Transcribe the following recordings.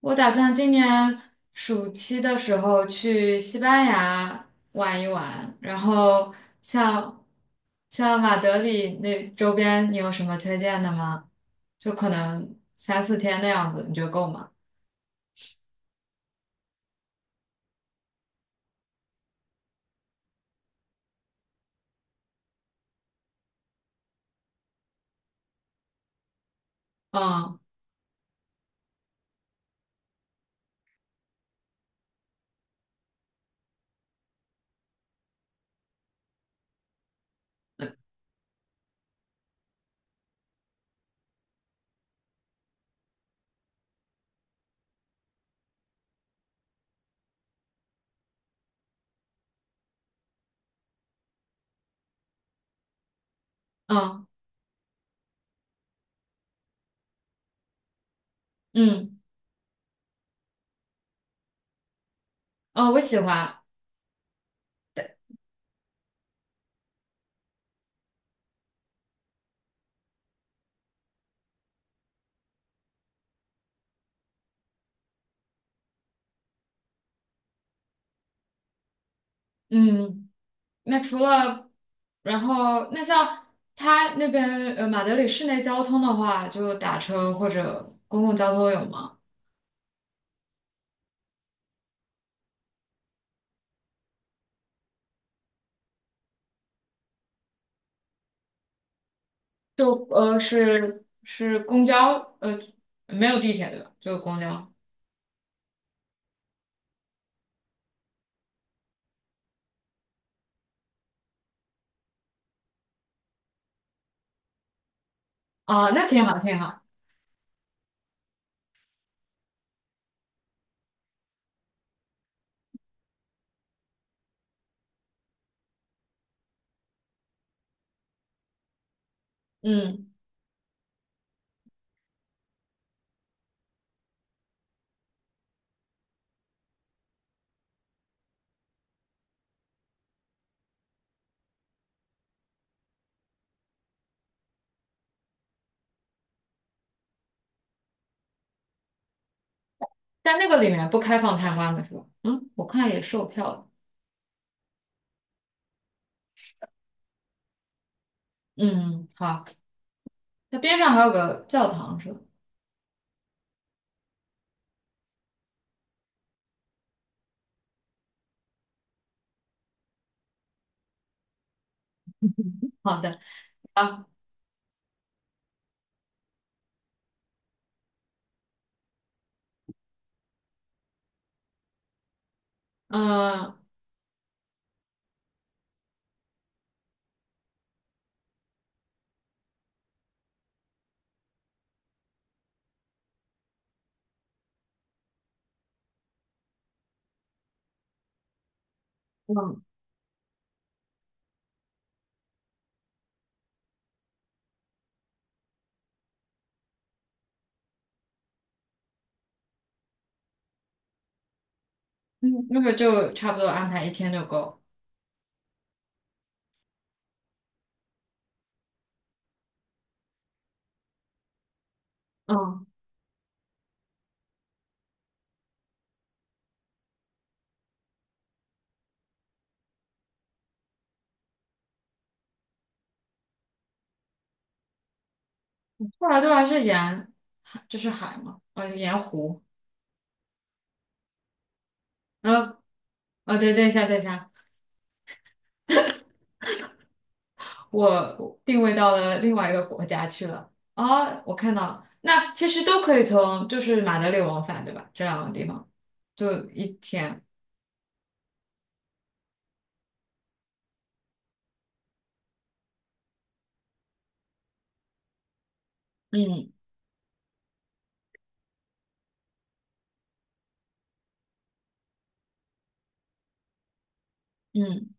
我打算今年暑期的时候去西班牙玩一玩，然后像像马德里那周边，你有什么推荐的吗？就可能三四天那样子，你觉得够吗？嗯嗯嗯嗯，我喜欢。嗯，那除了然后那像他那边马德里市内交通的话，就打车或者公共交通有吗？就是公交，没有地铁对吧？就是公交。啊，那挺好挺好。嗯，但那个里面不开放参观的是吧？嗯，我看也售票的。嗯，好，它边上还有个教堂是吧？好的，啊，嗯嗯嗯，那个就差不多安排一天就够。嗯，后来对吧？是沿，这是海嘛，沿湖。呃对，对一下，对一下。我定位到了另外一个国家去了。哦，我看到了，那其实都可以从就是马德里往返，对吧？这两个地方就一天。嗯嗯，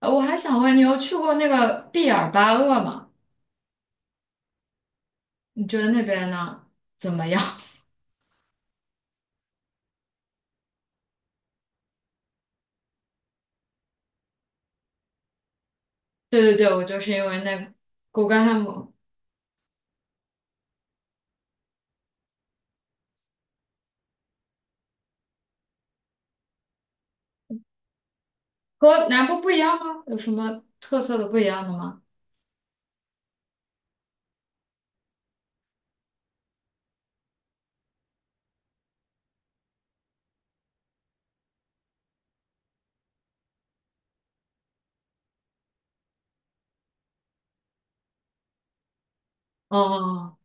我还想问你，有去过那个毕尔巴鄂吗？你觉得那边呢怎么样？对对对，我就是因为那个古根汉姆和南部不一样吗？有什么特色的不一样的吗？哦哦。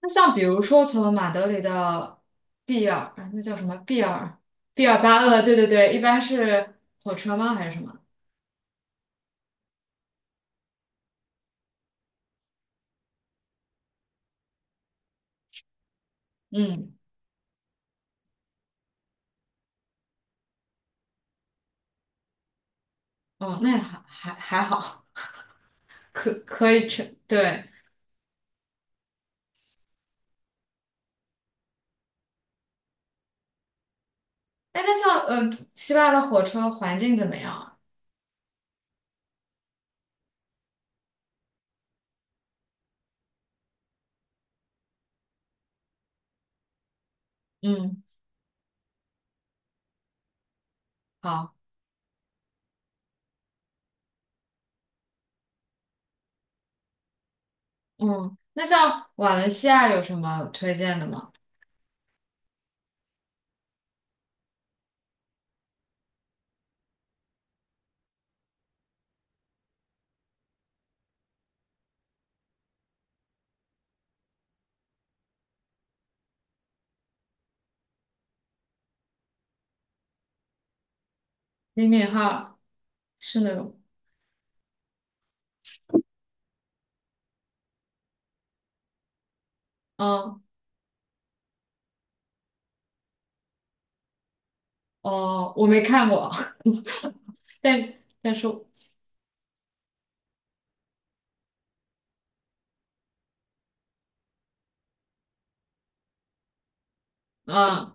那像比如说从马德里到毕尔，哎那叫什么毕尔巴鄂？对对对，一般是火车吗？还是什么？嗯，哦，那还好，可以去。对，哎，那像希腊的火车环境怎么样啊？嗯，好，嗯，那像瓦伦西亚有什么推荐的吗？李敏镐是那种，嗯，哦，我没看过，但但是，嗯。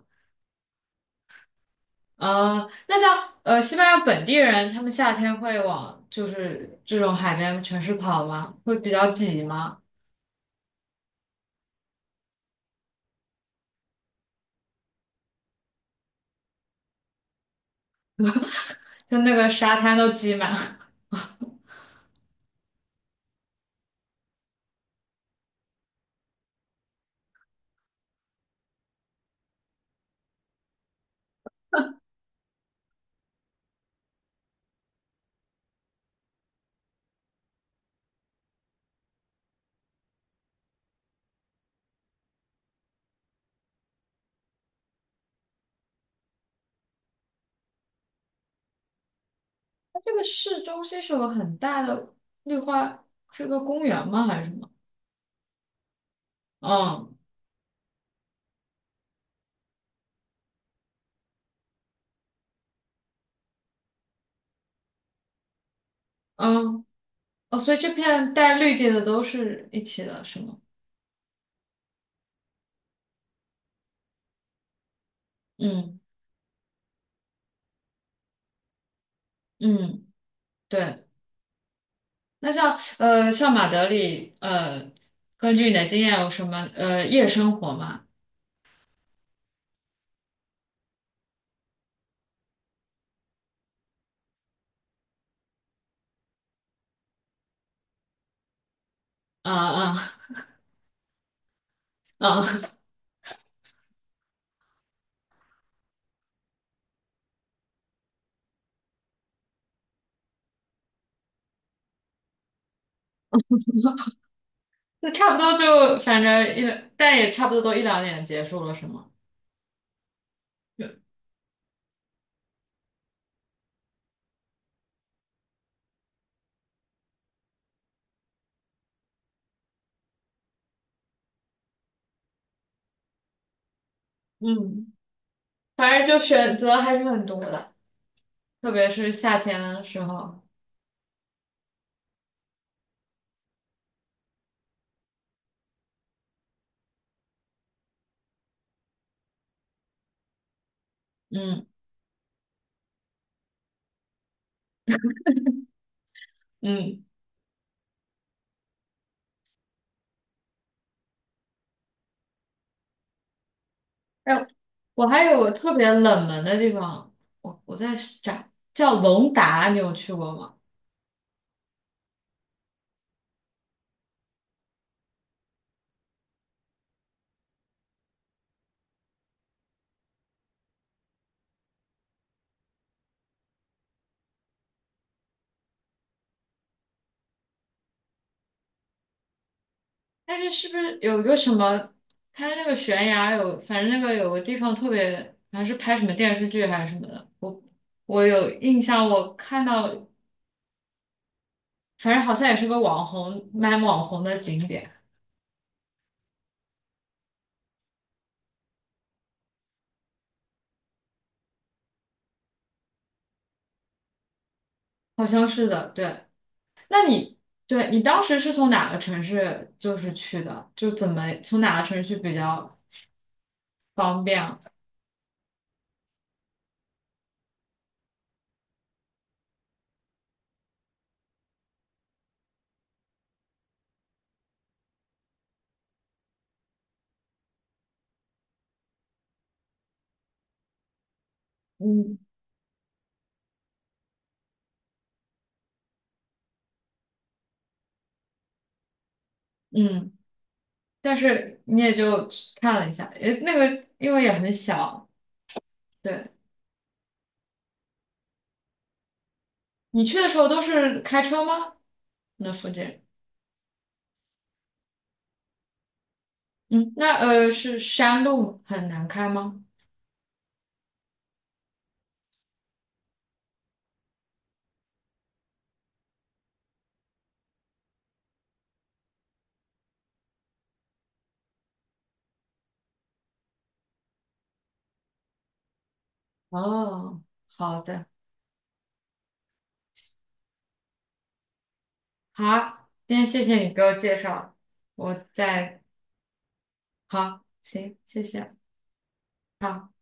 呃，那像西班牙本地人，他们夏天会往就是这种海边城市跑吗？会比较挤吗？就那个沙滩都挤满了。它这个市中心是有个很大的绿化，是个公园吗？还是什么？嗯嗯。哦，所以这片带绿地的都是一起的，是吗？嗯嗯，对。那像马德里，根据你的经验有什么夜生活吗？啊啊啊！就差不多就反正一，但也差不多都一两点结束了，是吗？嗯，反正就选择还是很多的。特别是夏天的时候，嗯嗯，哎，我还有个特别冷门的地方，我在找，叫龙达，你有去过吗？但是是不是有一个什么，它是那个悬崖有，反正那个有个地方特别，好像是拍什么电视剧还是什么的，我有印象，我看到反正好像也是个网红网红的景点，好像是的。对，那你对你当时是从哪个城市就是去的？就怎么从哪个城市去比较方便？嗯嗯，但是你也就看了一下，也那个因为也很小。对，你去的时候都是开车吗？那附近？嗯，那是山路很难开吗？哦，好的，好，今天谢谢你给我介绍，我在。好，行，谢谢。好。